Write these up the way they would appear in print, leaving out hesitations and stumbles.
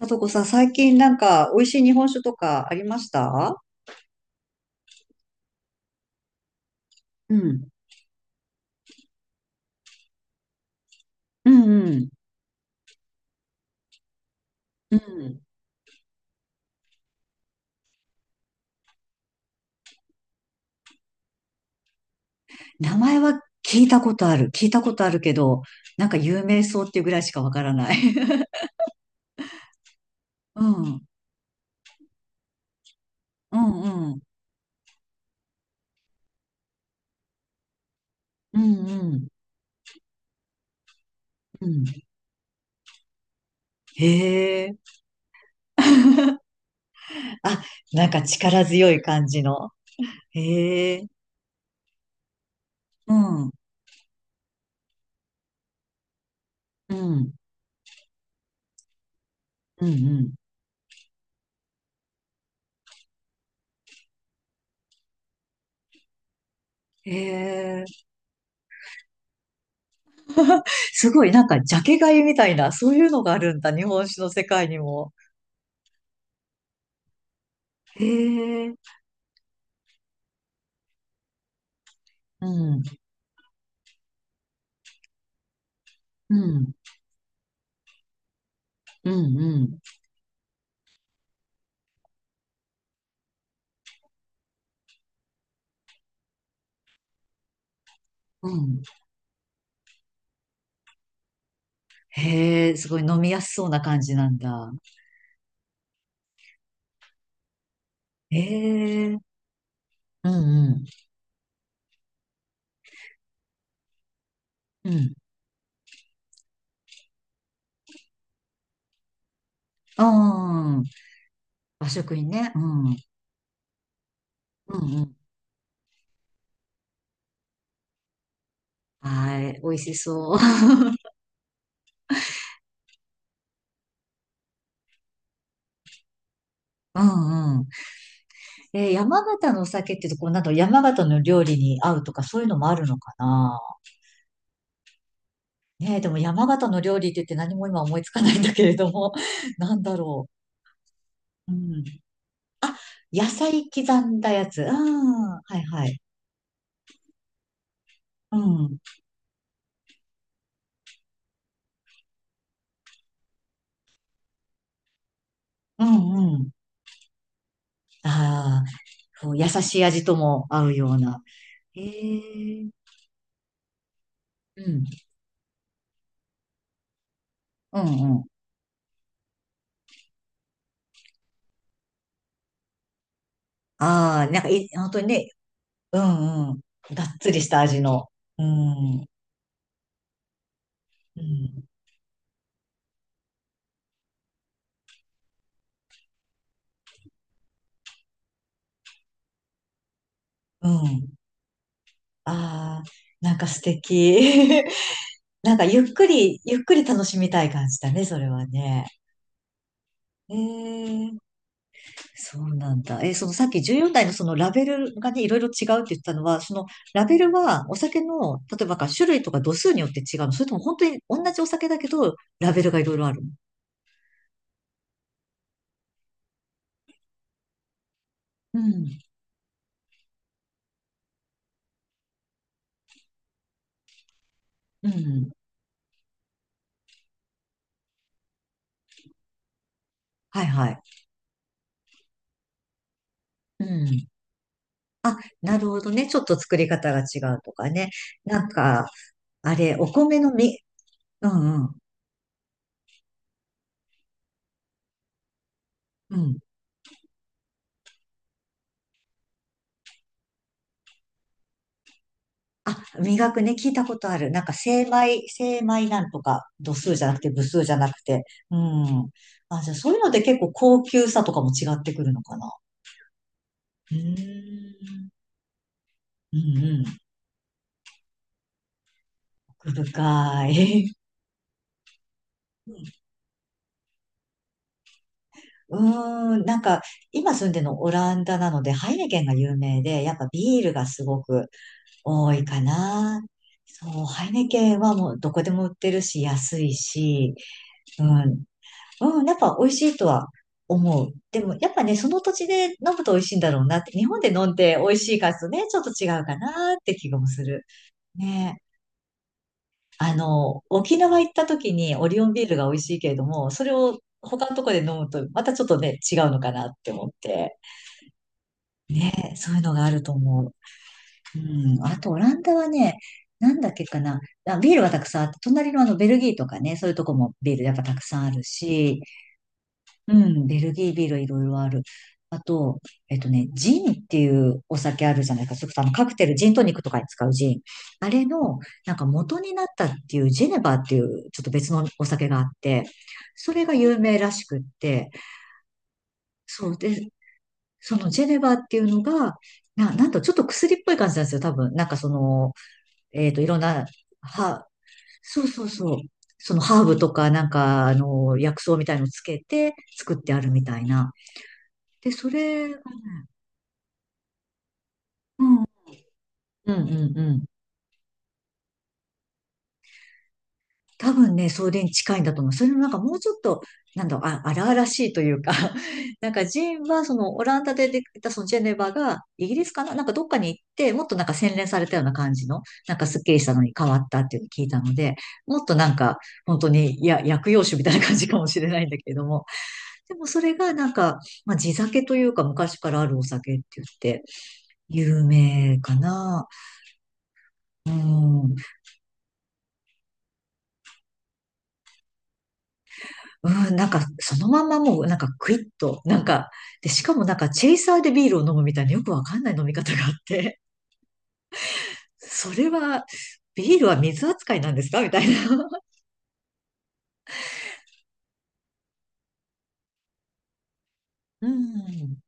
さとこさん、最近なんか美味しい日本酒とかありました？うん、うん、うん、うん。名前は聞いたことある。聞いたことあるけど、なんか有名そうっていうぐらいしかわからない。うん、うん、うん、うん、うん。うん、へえ。あ、なんか力強い感じの。へえ。うん、うん、うん、うん。へえ。すごい、なんかジャケ買いみたいな、そういうのがあるんだ、日本酒の世界にも。へえ。うん、うん。うんうん。うん。へえ、すごい飲みやすそうな感じなんだ。へえ、うんうん。うん。ああ、和食にね。うん。うんうん。はい。美味しそう。うんうん。えー、山形のお酒っていうと、こう、なんか山形の料理に合うとか、そういうのもあるのかな。ねえ、でも山形の料理って言って何も今思いつかないんだけれども、なんだろう。うん。野菜刻んだやつ。ああ、はいはい。うん。うんうん。ああ。こう優しい味とも合うような。へえ。うん。うんうん。ああ、なんかい、本当にね、うんうん。がっつりした味の。うん。うん。うん。ああ、なんか素敵。なんかゆっくり、ゆっくり楽しみたい感じだね、それはね。へえ。そうなんだ。え、そのさっき14代のそのラベルがね、いろいろ違うって言ったのは、そのラベルはお酒の、例えばか種類とか度数によって違うの？それとも本当に同じお酒だけど、ラベルがいろいろあるの？うん、うん。はいはい。うん。なるほどね。ちょっと作り方が違うとかね。なんか、あれ、お米のみ、うんうん。うん。あ、磨くね、聞いたことある。なんか、精米、精米なんとか、度数じゃなくて、部数じゃなくて。うん。あ、じゃあ、そういうので結構高級さとかも違ってくるのかな。うーん。うんうん。奥深い。うん、うーん、なんか、今住んでるのオランダなので、ハイネケンが有名で、やっぱビールがすごく多いかな。そう、ハイネケンはもうどこでも売ってるし、安いし、うん、うん、やっぱ美味しいとは思う。でも、やっぱね、その土地で飲むと美味しいんだろうなって、日本で飲んで美味しいかとね、ちょっと違うかなって気がもする。ねえ。あの、沖縄行った時にオリオンビールが美味しいけれども、それを他のとこで飲むと、またちょっとね、違うのかなって思って。ねえ、そういうのがあると思う。うん。あと、オランダはね、なんだっけかな。あ、ビールはたくさんあって、隣のあのベルギーとかね、そういうとこもビールやっぱたくさんあるし、うん、ベルギービールいろいろある。あと、えっとね、ジンっていうお酒あるじゃないか。それこそあのカクテル、ジントニックとかに使うジン。あれの、なんか元になったっていうジェネバーっていう、ちょっと別のお酒があって、それが有名らしくって、そうで、そのジェネバーっていうのが、なんとちょっと薬っぽい感じなんですよ、多分。なんかその、えっと、いろんな、は、そうそうそう。そのハーブとか、なんか、あの、薬草みたいのつけて作ってあるみたいな。で、それ、うん、うんうんうん。多分ね、それに近いんだと思う。それもなんかもうちょっと、なんだろう、あ、荒々しいというか、なんかジンはそのオランダでできたそのジェネバがイギリスかななんかどっかに行って、もっとなんか洗練されたような感じの、なんかスッキリしたのに変わったっていうのを聞いたので、もっとなんか本当に、いや、薬用酒みたいな感じかもしれないんだけれども、でもそれがなんか、まあ地酒というか昔からあるお酒って言って、有名かな。うん。うん、なんか、そのまんまもう、なんか、クイッと、なんか、で、しかもなんか、チェイサーでビールを飲むみたいな、よくわかんない飲み方があって、それは、ビールは水扱いなんですか、みたいな。うん。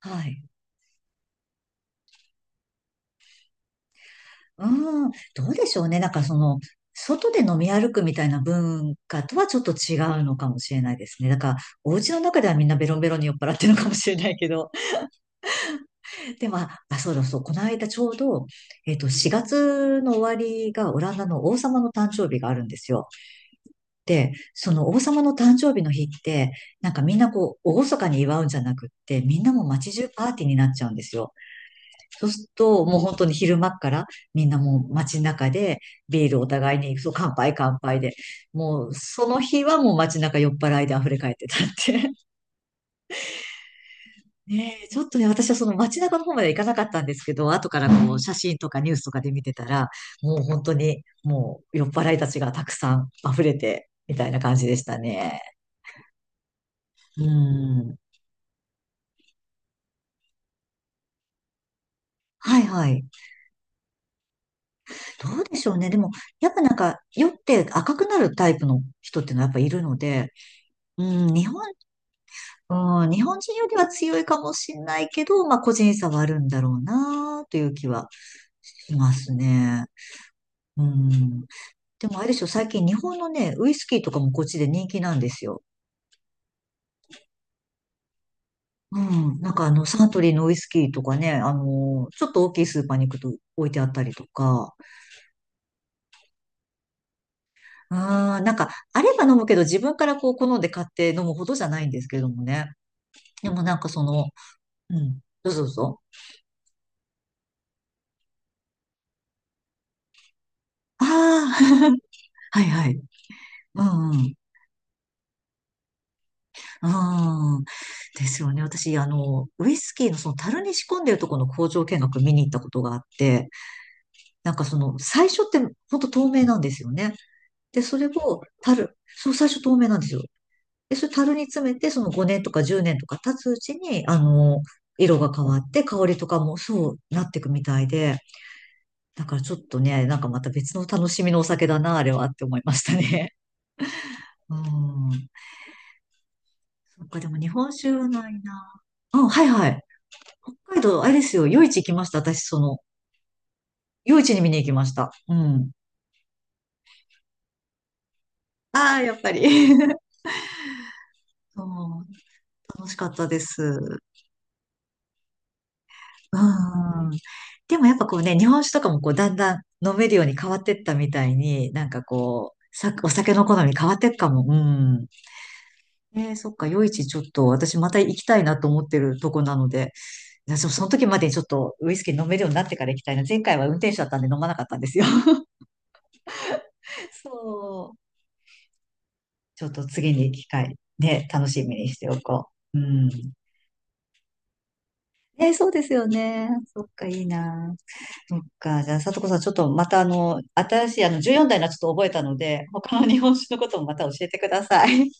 はい。うん。どうでしょうね。なんか、その、外で飲み歩くみたいな文化とはちょっと違うのかもしれないですね。だから、お家の中ではみんなベロンベロンに酔っ払ってるのかもしれないけど、で、まあ、あ、そうだそう、この間ちょうど、えっと、4月の終わりがオランダの王様の誕生日があるんですよ。で、その王様の誕生日の日って、なんかみんなこう、厳かに祝うんじゃなくって、みんなもう街中パーティーになっちゃうんですよ。そうすると、もう本当に昼間っから、みんなもう街中で、ビールお互いに、そう、乾杯乾杯で、もう、その日はもう街中酔っ払いで溢れ返ってたって。ねえ、ちょっとね、私はその街中の方までは行かなかったんですけど、後からこう写真とかニュースとかで見てたら、もう本当にもう酔っ払いたちがたくさん溢れて、みたいな感じでしたね。うん。はいはい。どうでしょうね。でも、やっぱなんか酔って赤くなるタイプの人っていうのはやっぱいるので、うん、日本、うん、日本人よりは強いかもしれないけど、まあ個人差はあるんだろうなという気はしますね。うん。でもあれですよ、最近日本のね、ウイスキーとかもこっちで人気なんですよ。うん。なんかあの、サントリーのウイスキーとかね、あのーちょっと大きいスーパーに行くと置いてあったりとか。あー、なんか、あれば飲むけど自分からこう好んで買って飲むほどじゃないんですけどもね。でもなんかその、うん。どうぞどうぞ。ああ、はいはい。うんうん。うん。ですよね。私、あの、ウイスキーのその樽に仕込んでるところの工場見学見に行ったことがあって、なんかその、最初って本当透明なんですよね。で、それを樽、そう、最初透明なんですよ。で、それ樽に詰めて、その5年とか10年とか経つうちに、あの、色が変わって、香りとかもそうなっていくみたいで、だからちょっとね、なんかまた別の楽しみのお酒だな、あれはって思いましたね。うん。そっか、でも日本酒はないな。うん、はいはい。北海道、あれですよ、夜市行きました、私、その、夜市に見に行きました。うん。ああ、やっぱり。そう、楽しかったです。うん。でもやっぱこうね、日本酒とかもこうだんだん飲めるように変わってったみたいに、なんかこう、さ、お酒の好み変わってっかも。うん。えー、そっか、夜市ちょっと私また行きたいなと思ってるとこなので、そ、その時までにちょっとウイスキー飲めるようになってから行きたいな。前回は運転手だったんで飲まなかったんですよ。そう。ちょっと次に機会、ね、楽しみにしておこう。うん。えー、そうですよね。そっか、いいな。そっか。じゃあ、さとこさん、ちょっとまたあの、新しいあの、14代のはちょっと覚えたので、他の日本酒のこともまた教えてください。